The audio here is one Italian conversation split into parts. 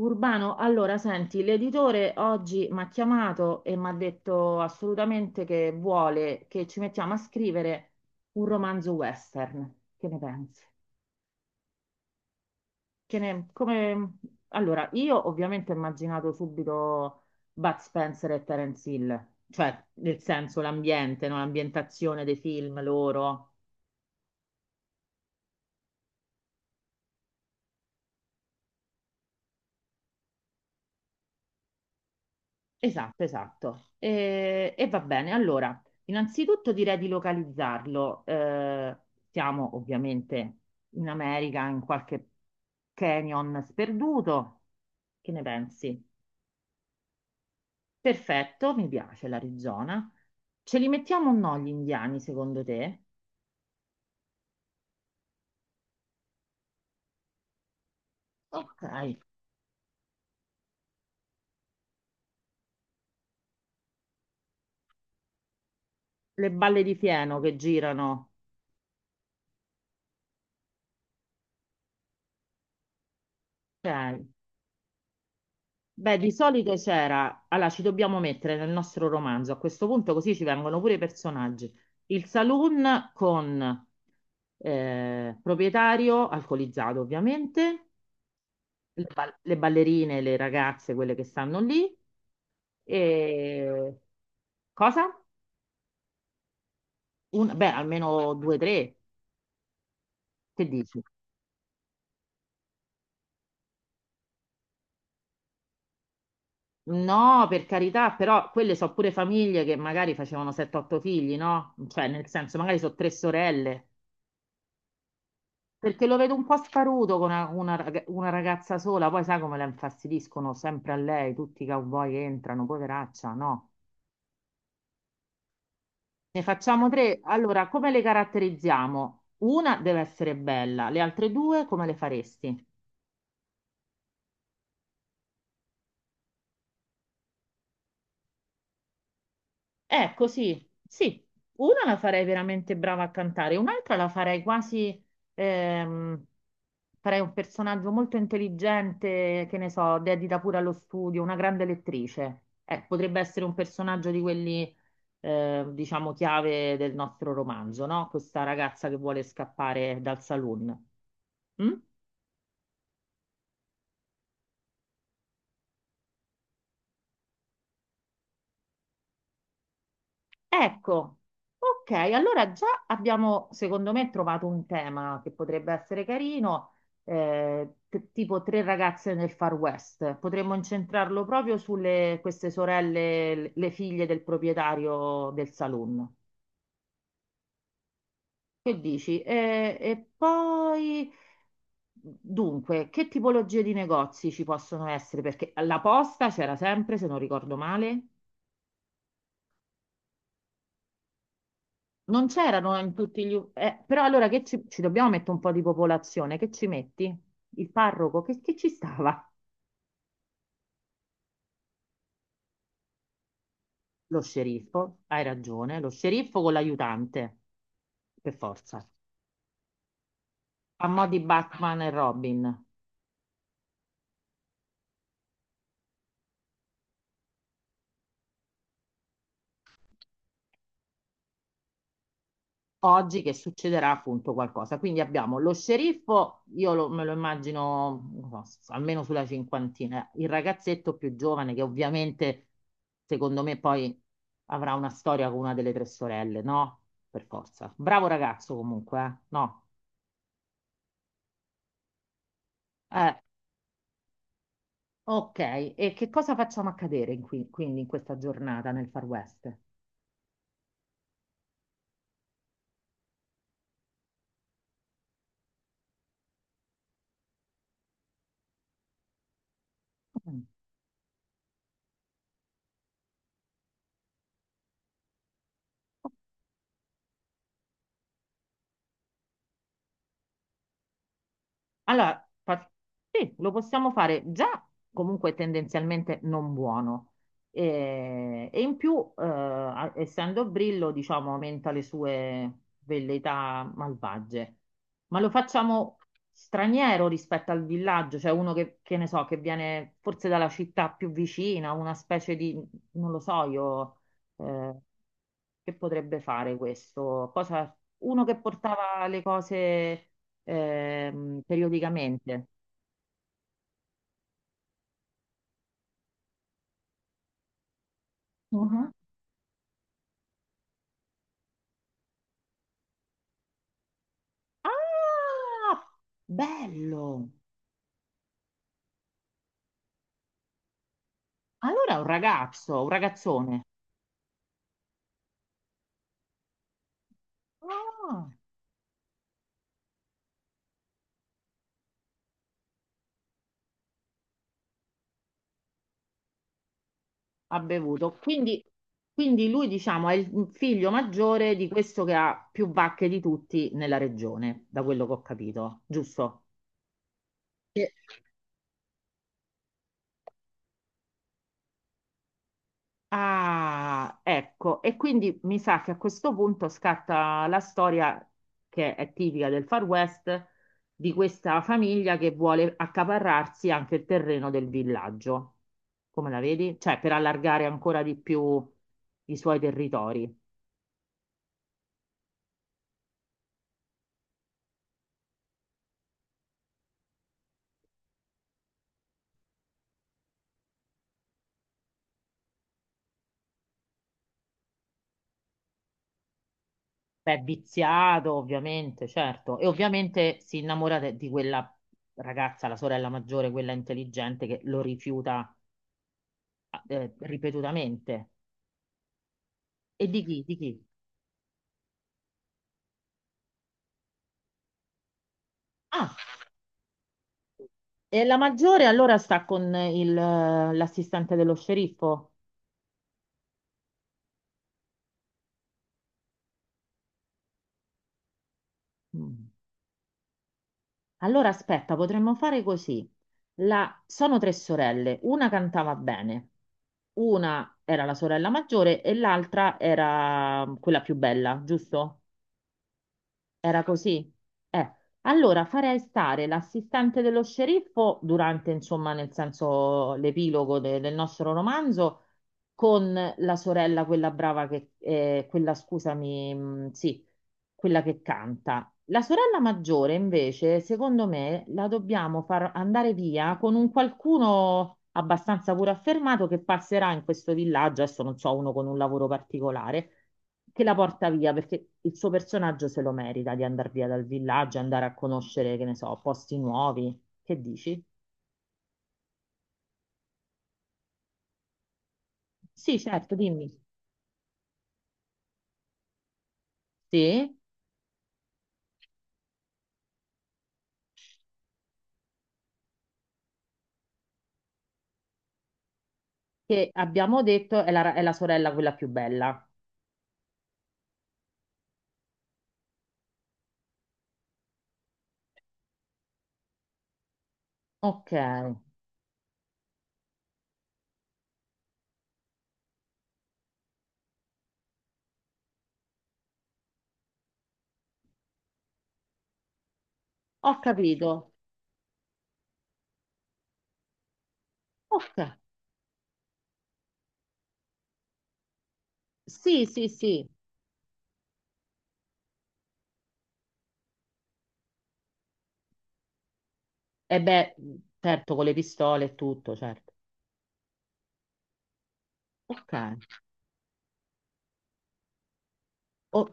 Urbano, allora senti, l'editore oggi mi ha chiamato e mi ha detto assolutamente che vuole che ci mettiamo a scrivere un romanzo western. Che ne pensi? Che ne- come- Allora, io ovviamente ho immaginato subito Bud Spencer e Terence Hill, cioè nel senso l'ambiente, no? L'ambientazione dei film loro. Esatto, esatto. E va bene, allora, innanzitutto direi di localizzarlo. Siamo ovviamente in America, in qualche canyon sperduto. Che ne pensi? Perfetto, mi piace l'Arizona. Ce li mettiamo o no gli indiani, secondo te? Ok, le balle di fieno che girano. Ok. Beh, di solito c'era, allora ci dobbiamo mettere nel nostro romanzo, a questo punto così ci vengono pure i personaggi, il saloon con proprietario alcolizzato ovviamente, le ballerine, le ragazze, quelle che stanno lì, e cosa? Beh, almeno due, o tre, che dici? No, per carità, però quelle sono pure famiglie che magari facevano 7-8 figli, no? Cioè, nel senso, magari sono 3 sorelle. Perché lo vedo un po' sparuto con una ragazza sola, poi sai come la infastidiscono sempre a lei, tutti i cowboy entrano, poveraccia, no. Ne facciamo tre. Allora, come le caratterizziamo? Una deve essere bella, le altre due come le faresti? Ecco, sì, sì, una la farei veramente brava a cantare, un'altra la farei quasi, ehm, farei un personaggio molto intelligente, che ne so, dedita pure allo studio, una grande lettrice. Potrebbe essere un personaggio di quelli, diciamo, chiave del nostro romanzo, no? Questa ragazza che vuole scappare dal saloon. Mm? Ecco, ok, allora già abbiamo, secondo me, trovato un tema che potrebbe essere carino, tipo tre ragazze nel Far West. Potremmo incentrarlo proprio sulle queste sorelle, le figlie del proprietario del saloon. Che dici? E poi, dunque, che tipologie di negozi ci possono essere? Perché la posta c'era sempre, se non ricordo male. Non c'erano in tutti gli, però allora che ci dobbiamo mettere un po' di popolazione, che ci metti? Il parroco, che ci stava? Lo sceriffo, hai ragione, lo sceriffo con l'aiutante, per forza. A mo' di Batman e Robin. Oggi che succederà appunto qualcosa. Quindi abbiamo lo sceriffo, me lo immagino non so, almeno sulla cinquantina, il ragazzetto più giovane che ovviamente secondo me poi avrà una storia con una delle tre sorelle, no? Per forza. Bravo ragazzo comunque, eh? No. Eh, ok, e che cosa facciamo accadere quindi in questa giornata nel Far West? Mm. Allora, fa- sì, lo possiamo fare già comunque tendenzialmente non buono. E in più, essendo brillo, diciamo, aumenta le sue velleità malvagie. Ma lo facciamo straniero rispetto al villaggio, cioè uno che ne so, che viene forse dalla città più vicina, una specie di, non lo so, io, eh, che potrebbe fare questo? Cosa, uno che portava le cose periodicamente. Mhm. Ah, bello! Allora è un ragazzo, un ragazzone. Ah, ha bevuto. Quindi, quindi lui, diciamo, è il figlio maggiore di questo che ha più vacche di tutti nella regione, da quello che ho capito, giusto? Sì. Ah, ecco, e quindi mi sa che a questo punto scatta la storia che è tipica del Far West di questa famiglia che vuole accaparrarsi anche il terreno del villaggio. Come la vedi? Cioè, per allargare ancora di più i suoi territori. Beh, viziato, ovviamente, certo. E ovviamente si innamora di quella ragazza, la sorella maggiore, quella intelligente, che lo rifiuta ripetutamente. E di chi? Di chi? Ah, e la maggiore allora sta con l'assistente dello sceriffo. Mm. Allora aspetta, potremmo fare così. Sono tre sorelle, una cantava bene, una era la sorella maggiore e l'altra era mm, quella più bella, giusto? Era così. Eh, allora farei stare l'assistente dello sceriffo durante, insomma, nel senso l'epilogo del nostro romanzo con la sorella, quella brava che, quella, scusami, sì, quella che canta. La sorella maggiore, invece, secondo me, la dobbiamo far andare via con un qualcuno abbastanza pure affermato che passerà in questo villaggio, adesso non so, uno con un lavoro particolare, che la porta via perché il suo personaggio se lo merita di andare via dal villaggio, andare a conoscere, che ne so, posti nuovi. Che dici? Sì, certo, dimmi. Sì, che abbiamo detto è è la sorella quella più bella. Ok, ho capito. Ok, sì, sì, sì. E beh, certo, con le pistole e tutto, certo. Ok. O-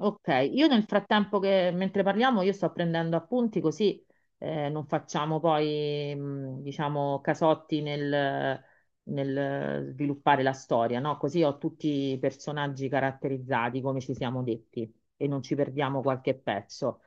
Ok, io nel frattempo che mentre parliamo io sto prendendo appunti così non facciamo poi diciamo casotti nel sviluppare la storia, no? Così ho tutti i personaggi caratterizzati come ci siamo detti e non ci perdiamo qualche pezzo.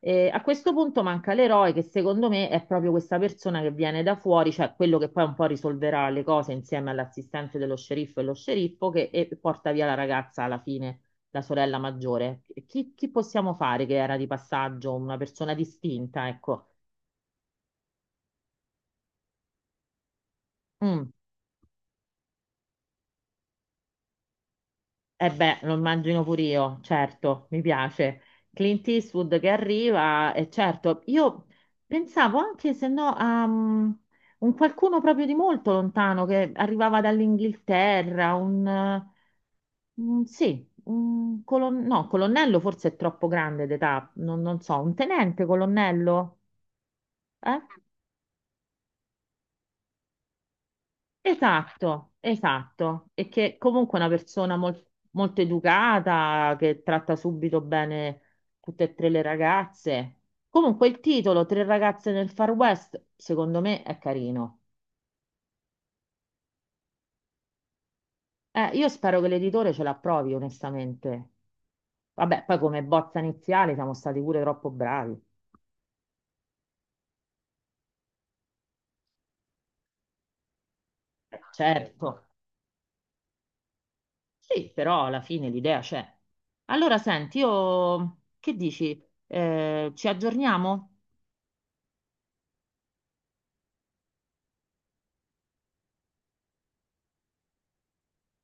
E a questo punto manca l'eroe che secondo me è proprio questa persona che viene da fuori, cioè quello che poi un po' risolverà le cose insieme all'assistente dello sceriffo e lo sceriffo che porta via la ragazza alla fine la sorella maggiore. Chi possiamo fare che era di passaggio, una persona distinta, ecco. Mm. Eh beh, lo immagino pure io, certo, mi piace. Clint Eastwood che arriva, e certo, io pensavo anche se no a mm, un qualcuno proprio di molto lontano che arrivava dall'Inghilterra, sì, no, colonnello forse è troppo grande d'età, non so, un tenente colonnello? Eh? Esatto, esatto. E che comunque è una persona molto educata, che tratta subito bene tutte e tre le ragazze. Comunque il titolo, Tre ragazze nel Far West, secondo me è carino. Io spero che l'editore ce l'approvi, onestamente. Vabbè, poi come bozza iniziale siamo stati pure troppo bravi. Certo. Sì, però alla fine l'idea c'è. Allora, senti, io che dici? Ci aggiorniamo?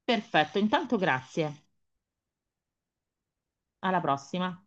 Perfetto, intanto grazie. Alla prossima.